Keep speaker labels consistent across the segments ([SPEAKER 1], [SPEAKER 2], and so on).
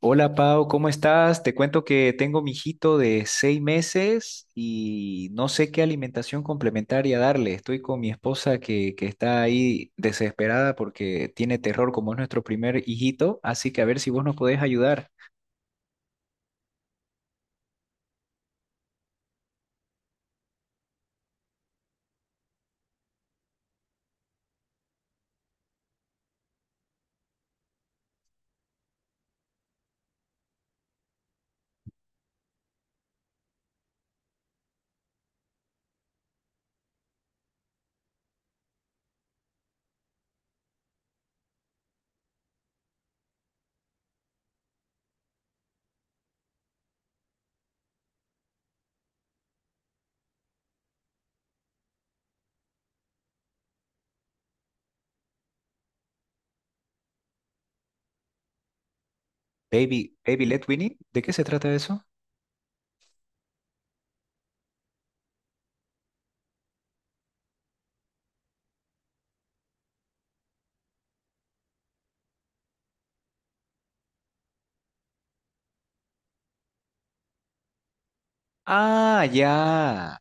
[SPEAKER 1] Hola Pau, ¿cómo estás? Te cuento que tengo mi hijito de seis meses y no sé qué alimentación complementaria darle. Estoy con mi esposa que está ahí desesperada porque tiene terror como es nuestro primer hijito, así que a ver si vos nos podés ayudar. Baby Led Winnie, ¿de qué se trata eso? Ah, ya.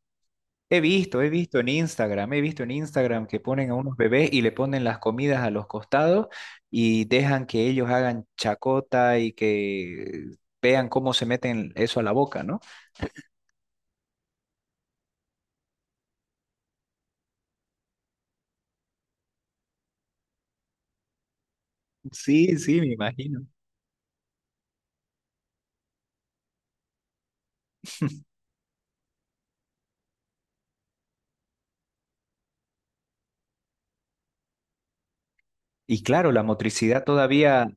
[SPEAKER 1] He visto en Instagram que ponen a unos bebés y le ponen las comidas a los costados y dejan que ellos hagan chacota y que vean cómo se meten eso a la boca, ¿no? Sí, sí, me imagino. Y claro,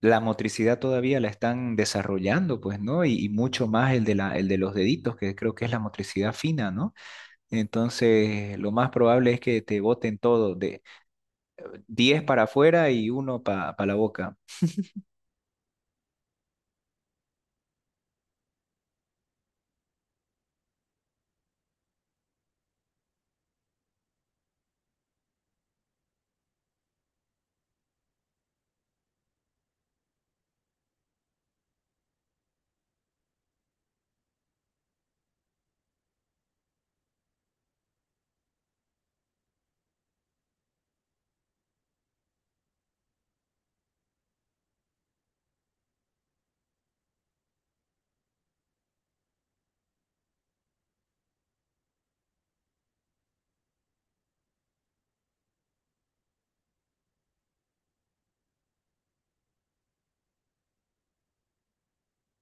[SPEAKER 1] la motricidad todavía la están desarrollando, pues, ¿no? Y mucho más el de los deditos, que creo que es la motricidad fina, ¿no? Entonces, lo más probable es que te boten todo, de 10 para afuera y uno para la boca.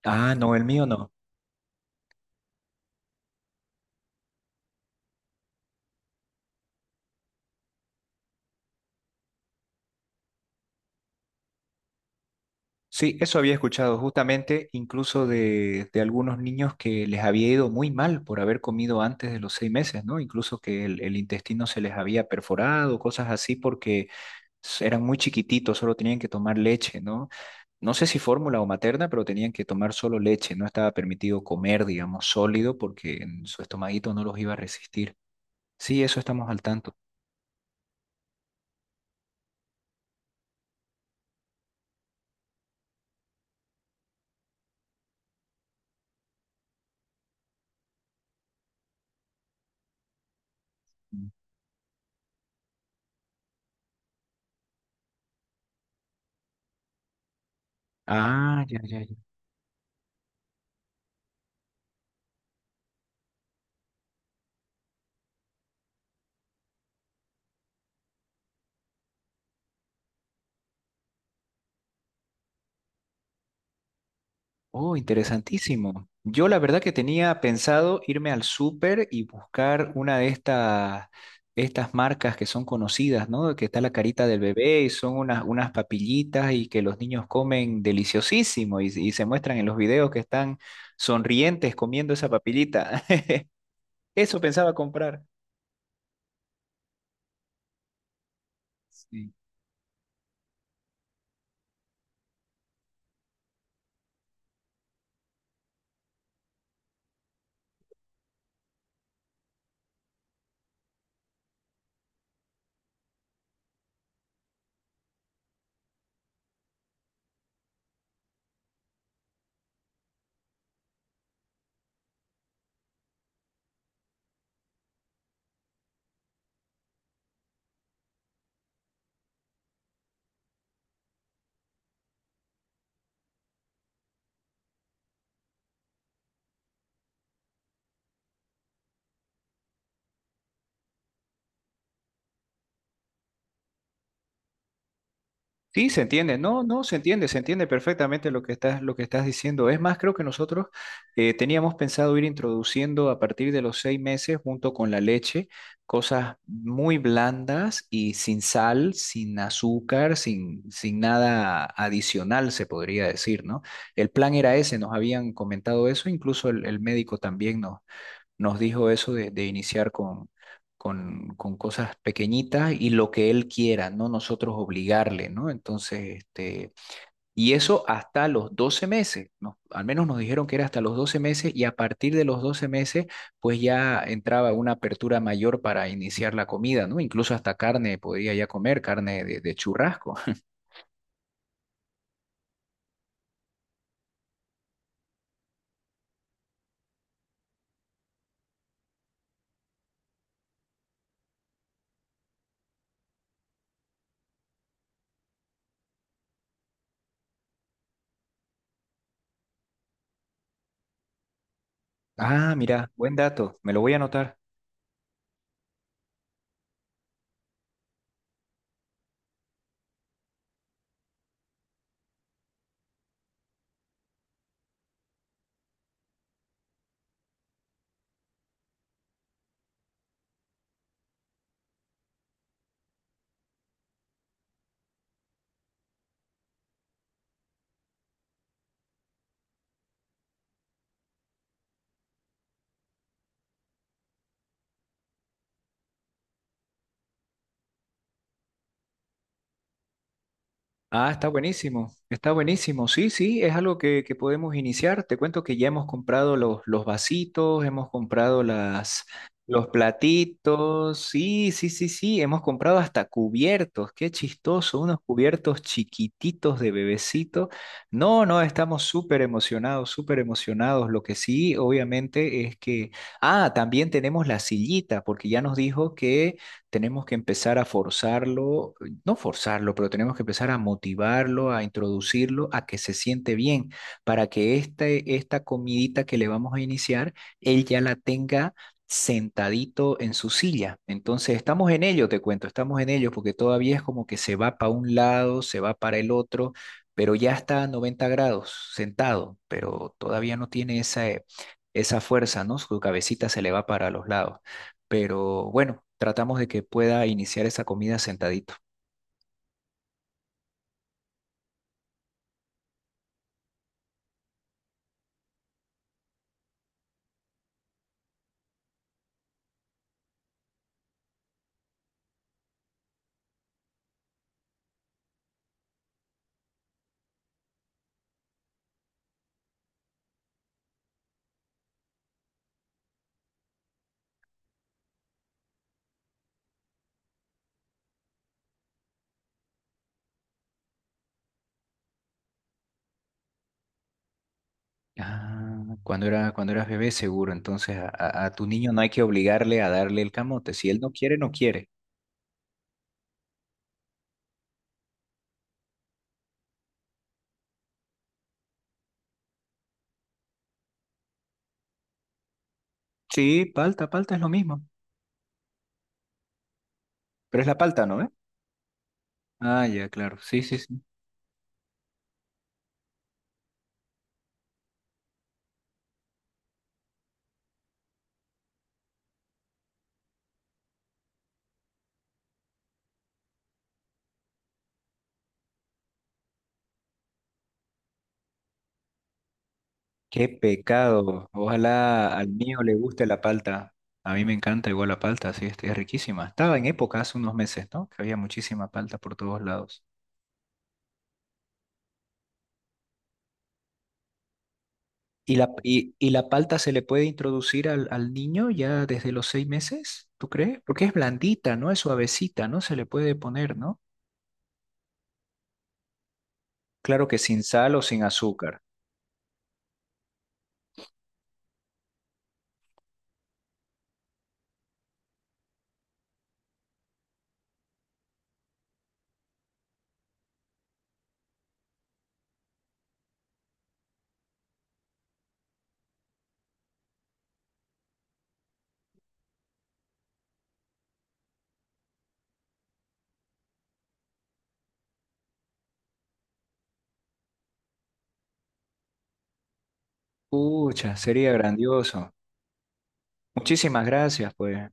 [SPEAKER 1] Ah, no, el mío no. Sí, eso había escuchado justamente incluso de algunos niños que les había ido muy mal por haber comido antes de los seis meses, ¿no? Incluso que el intestino se les había perforado, cosas así, porque eran muy chiquititos, solo tenían que tomar leche, ¿no? No sé si fórmula o materna, pero tenían que tomar solo leche, no estaba permitido comer, digamos, sólido, porque en su estomaguito no los iba a resistir. Sí, eso estamos al tanto. Mm. Ah, ya, ya. Oh, interesantísimo. Yo la verdad que tenía pensado irme al súper y buscar una de estas marcas que son conocidas, ¿no? Que está la carita del bebé y son unas papillitas y que los niños comen deliciosísimo y se muestran en los videos que están sonrientes comiendo esa papillita. Eso pensaba comprar. Sí. Sí, se entiende, no, no, se entiende perfectamente lo que estás diciendo. Es más, creo que nosotros teníamos pensado ir introduciendo a partir de los seis meses, junto con la leche, cosas muy blandas y sin sal, sin azúcar, sin nada adicional, se podría decir, ¿no? El plan era ese, nos habían comentado eso, incluso el médico también nos dijo eso de iniciar con cosas pequeñitas y lo que él quiera, no nosotros obligarle, ¿no? Entonces, este, y eso hasta los 12 meses, ¿no? Al menos nos dijeron que era hasta los 12 meses y a partir de los 12 meses, pues ya entraba una apertura mayor para iniciar la comida, ¿no? Incluso hasta carne podía ya comer, carne de churrasco. Ah, mira, buen dato, me lo voy a anotar. Ah, está buenísimo, está buenísimo. Sí, sí, es algo que podemos iniciar. Te cuento que ya hemos comprado los vasitos, hemos comprado los platitos. Sí, sí, sí, sí, hemos comprado hasta cubiertos. Qué chistoso, unos cubiertos chiquititos de bebecito. No, no, estamos súper emocionados, súper emocionados. Lo que sí, obviamente, es que, ah, también tenemos la sillita, porque ya nos dijo que tenemos que empezar a forzarlo no forzarlo, pero tenemos que empezar a motivarlo, a introducirlo, a que se siente bien, para que este, esta comidita que le vamos a iniciar, él ya la tenga sentadito en su silla. Entonces, estamos en ello, te cuento, estamos en ello, porque todavía es como que se va para un lado, se va para el otro, pero ya está a 90 grados sentado, pero todavía no tiene esa fuerza, ¿no? Su cabecita se le va para los lados. Pero bueno, tratamos de que pueda iniciar esa comida sentadito. Ah, cuando eras bebé, seguro. Entonces, a tu niño no hay que obligarle a darle el camote. Si él no quiere, no quiere. Sí, palta, palta es lo mismo. Pero es la palta, ¿no? ¿Ve? Ah, ya, claro. Sí, sí, sí. Qué pecado. Ojalá al mío le guste la palta. A mí me encanta igual la palta, sí, este, es riquísima. Estaba en época hace unos meses, ¿no? Que había muchísima palta por todos lados. ¿Y la palta se le puede introducir al niño ya desde los seis meses? ¿Tú crees? Porque es blandita, ¿no? Es suavecita, ¿no? Se le puede poner, ¿no? Claro que sin sal o sin azúcar. Pucha, sería grandioso. Muchísimas gracias, pues.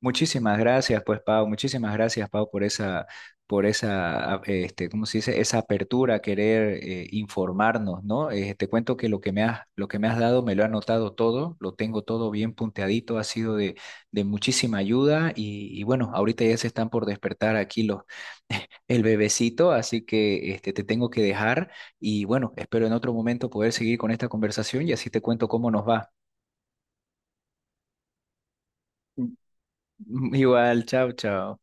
[SPEAKER 1] Muchísimas gracias, pues Pau, muchísimas gracias, Pau, por esa, este, ¿cómo se dice? Esa apertura a querer informarnos, ¿no? Te cuento que lo que me has dado, me lo he anotado todo, lo tengo todo bien punteadito, ha sido de muchísima ayuda y bueno, ahorita ya se están por despertar aquí el bebecito, así que este, te tengo que dejar y bueno, espero en otro momento poder seguir con esta conversación y así te cuento cómo nos va. Mm. Igual, chao, chao.